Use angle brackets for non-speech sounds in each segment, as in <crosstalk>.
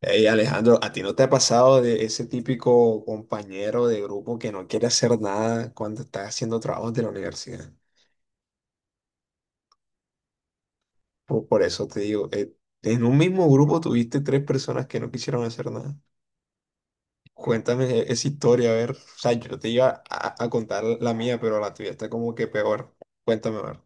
Hey Alejandro, ¿a ti no te ha pasado de ese típico compañero de grupo que no quiere hacer nada cuando estás haciendo trabajos de la universidad? Por eso te digo, en un mismo grupo tuviste tres personas que no quisieron hacer nada. Cuéntame esa historia, a ver. O sea, yo te iba a contar la mía, pero la tuya está como que peor. Cuéntame, a ver.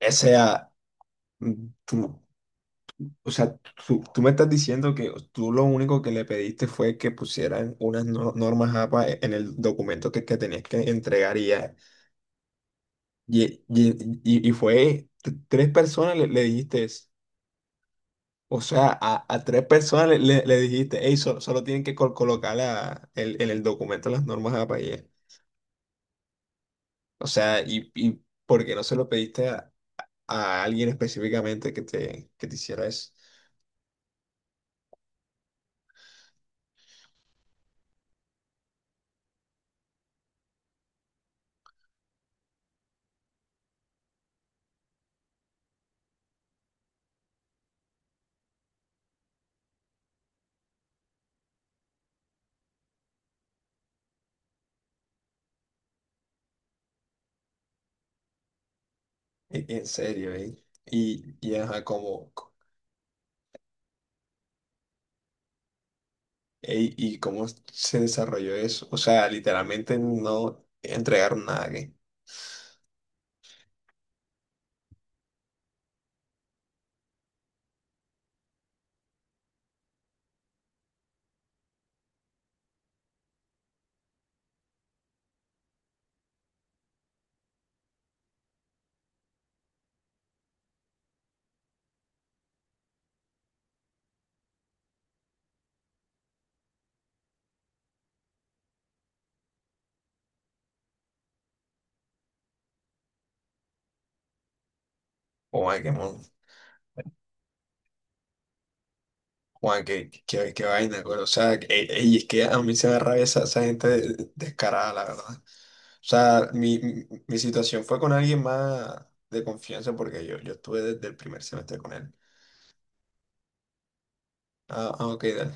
O sea, mm, tú- o sea, tú me estás diciendo que tú lo único que le pediste fue que pusieran unas normas APA en el documento que tenías que entregar y ya. Y fue tres personas le dijiste eso. O sea, a tres personas le dijiste, hey, solo tienen que colocar en el documento las normas APA y ya. O sea, ¿por qué no se lo pediste a alguien específicamente que te hiciera eso? En serio, ¿eh? Y ajá, como. Ey, ¿y cómo se desarrolló eso? O sea, literalmente no entregaron nada que. Juan, qué, mon- Juan, qué, qué vaina, güey. O sea, ey, es que a mí se me da rabia esa, esa gente descarada, la verdad. O sea, mi situación fue con alguien más de confianza porque yo estuve desde el primer semestre con él. Ok, dale.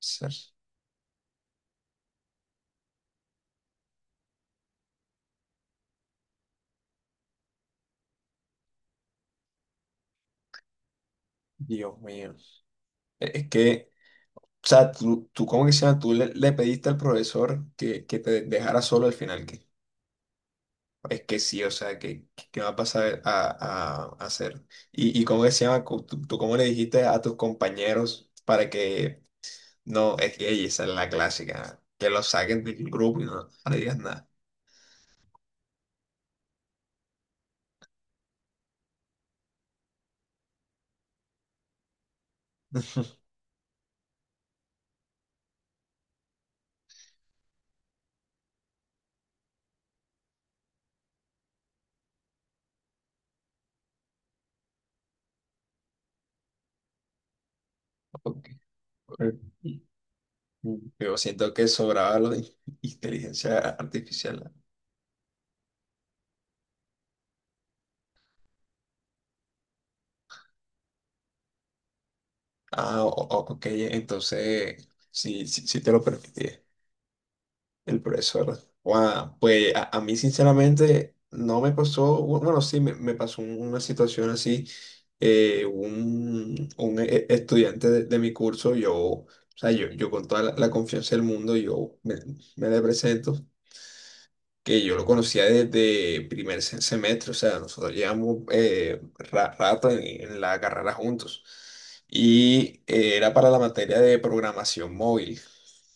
Ser- Dios mío. Es que, o sea, tú ¿cómo que se llama? Tú le pediste al profesor que te dejara solo al final, ¿qué? Es que sí, o sea, ¿qué, qué va a pasar a hacer? ¿Y cómo que se llama? ¿Tú, tú cómo le dijiste a tus compañeros para que no, es que ey, esa es la clásica, que los saquen del grupo y no le digas nada? <laughs> Ok. Yo siento que sobraba la inteligencia artificial. Ah, ok, entonces, sí, sí, sí te lo permití. El profesor. Guau. Pues a mí sinceramente no me pasó, bueno, sí, me pasó una situación así. Un estudiante de mi curso, yo, o sea, yo con toda la, la confianza del mundo, me le presento, que yo lo conocía desde primer semestre, o sea, nosotros llevamos rato en la carrera juntos. Y era para la materia de programación móvil,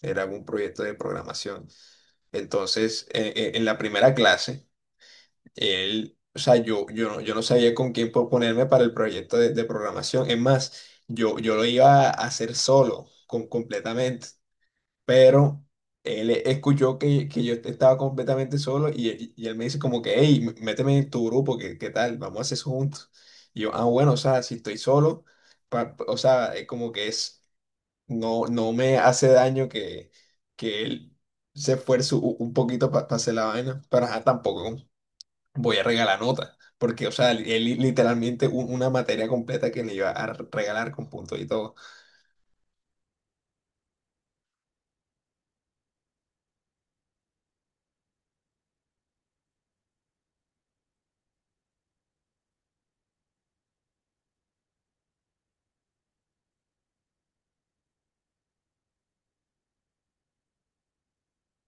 era un proyecto de programación. Entonces, en la primera clase, él, o sea, yo no sabía con quién proponerme para el proyecto de programación. Es más, yo lo iba a hacer solo, con, completamente. Pero él escuchó que yo estaba completamente solo y, él me dice como que, hey, méteme en tu grupo, ¿qué, qué tal? Vamos a hacer eso juntos. Y yo, ah, bueno, o sea, si estoy solo, o sea, como que es... No, no me hace daño que él se esfuerce un poquito para hacer la vaina, pero ajá, tampoco voy a regalar nota, porque, o sea, él literalmente una materia completa que le iba a regalar con puntos y todo.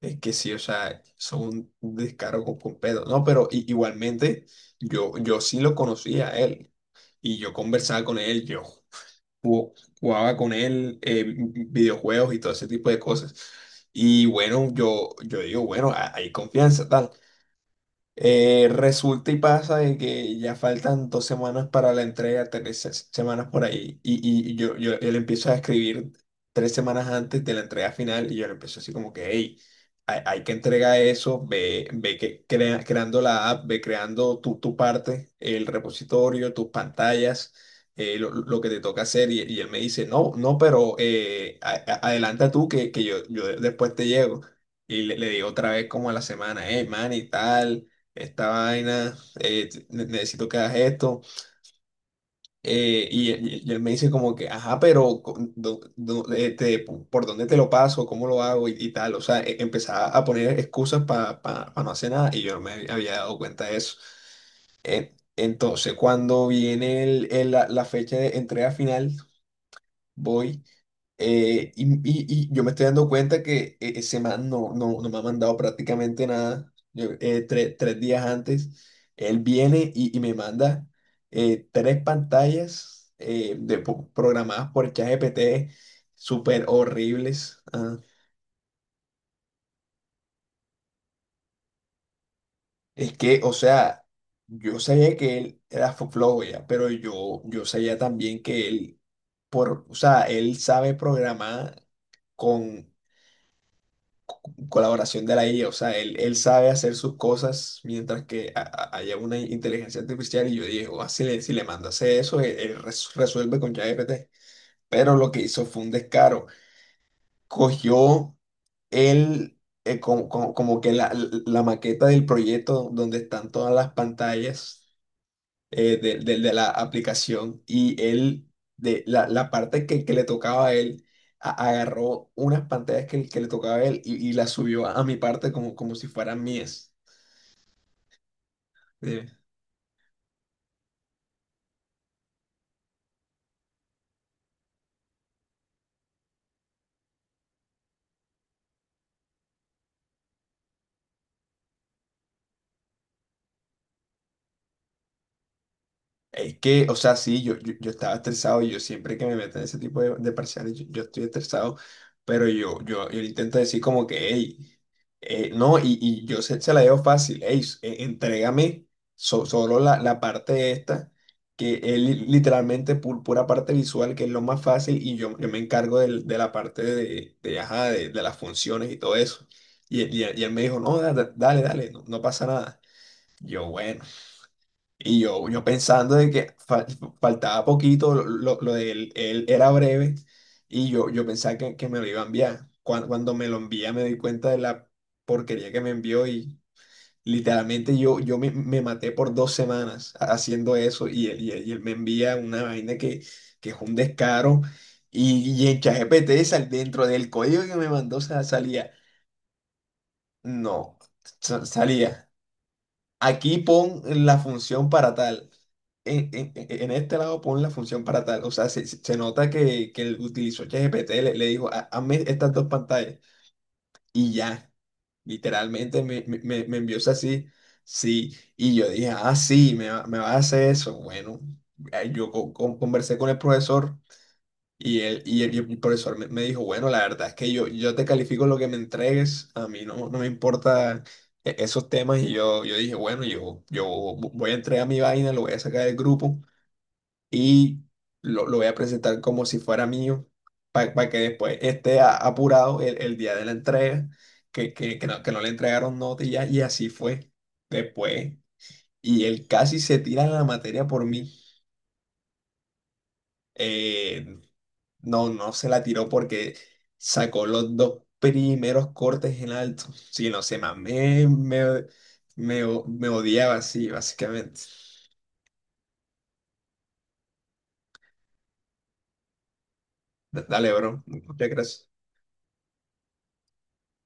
Es que sí, o sea, son un descaro con completo. No, pero igualmente yo sí lo conocía a él y yo conversaba con él, yo jugó- jugaba con él, videojuegos y todo ese tipo de cosas. Y bueno, yo digo, bueno, hay confianza, tal. Resulta y pasa de que ya faltan dos semanas para la entrega, tres semanas por ahí, yo le empiezo a escribir tres semanas antes de la entrega final, y yo le empiezo así como que, hey, hay que entregar eso, ve que, creando la app, ve creando tu, tu parte, el repositorio, tus pantallas, lo que te toca hacer, y él me dice, no, no, pero adelanta tú que yo después te llego. Y le digo otra vez como a la semana, hey, man, y tal esta vaina, necesito que hagas esto. Y él me dice como que, ajá, pero ¿por dónde te lo paso? ¿Cómo lo hago? Y tal. O sea, empezaba a poner excusas para no hacer nada y yo no me había dado cuenta de eso. Entonces, cuando viene la fecha de entrega final, voy y yo me estoy dando cuenta que ese man no, no me ha mandado prácticamente nada. Tres días antes, él viene y me manda tres pantallas programadas por ChatGPT súper horribles. Ah. Es que, o sea, yo sabía que él era flojo ya, pero yo sabía también que él, por, o sea, él sabe programar, con colaboración de la IA, o sea, él sabe hacer sus cosas mientras que haya una inteligencia artificial y yo dije: "Oh, si le mando a hacer eso, él resuelve con ChatGPT". Pero lo que hizo fue un descaro. Cogió él, como que la maqueta del proyecto donde están todas las pantallas de la aplicación y él, de la, la parte que le tocaba a él, agarró unas pantallas que le tocaba a él y las subió a mi parte como, como si fueran mías. ¿Sí? Es que, o sea, sí, yo estaba estresado y yo siempre que me meto en ese tipo de parciales, yo estoy estresado, pero yo le intento decir como que, hey, no, y yo se la dejo fácil, hey, entrégame solo la, la parte esta, que es literalmente pura parte visual, que es lo más fácil, y yo me encargo de la parte de, ajá, de las funciones y todo eso. Y él me dijo, no, dale, dale, no, no pasa nada. Yo, bueno. Yo pensando de que faltaba poquito, lo de él, él era breve, y yo pensaba que me lo iba a enviar. Cuando me lo envía me di cuenta de la porquería que me envió y literalmente me maté por dos semanas haciendo eso y él me envía una vaina que es un descaro y en ChatGPT dentro del código que me mandó salía, no, salía: "Aquí pon la función para tal. En, en este lado pon la función para tal". O sea, se nota que él utilizó ChatGPT, le dijo: Hazme estas dos pantallas". Y ya, literalmente me envió eso así. Sí, sí. Y yo dije, ah, sí, me va a hacer eso. Bueno, yo conversé con el profesor. Y el profesor me, me dijo, bueno, la verdad es que yo te califico lo que me entregues, a mí no, no me importa esos temas. Y yo dije, bueno, yo voy a entregar mi vaina, lo voy a sacar del grupo y lo voy a presentar como si fuera mío, para que después esté apurado el día de la entrega, que no le entregaron nota y ya, y así fue después. Y él casi se tira la materia por mí. Eh, no, no se la tiró porque sacó los dos primeros cortes en alto. Sí, no sé, más me odiaba así, básicamente. Dale, bro. Muchas gracias.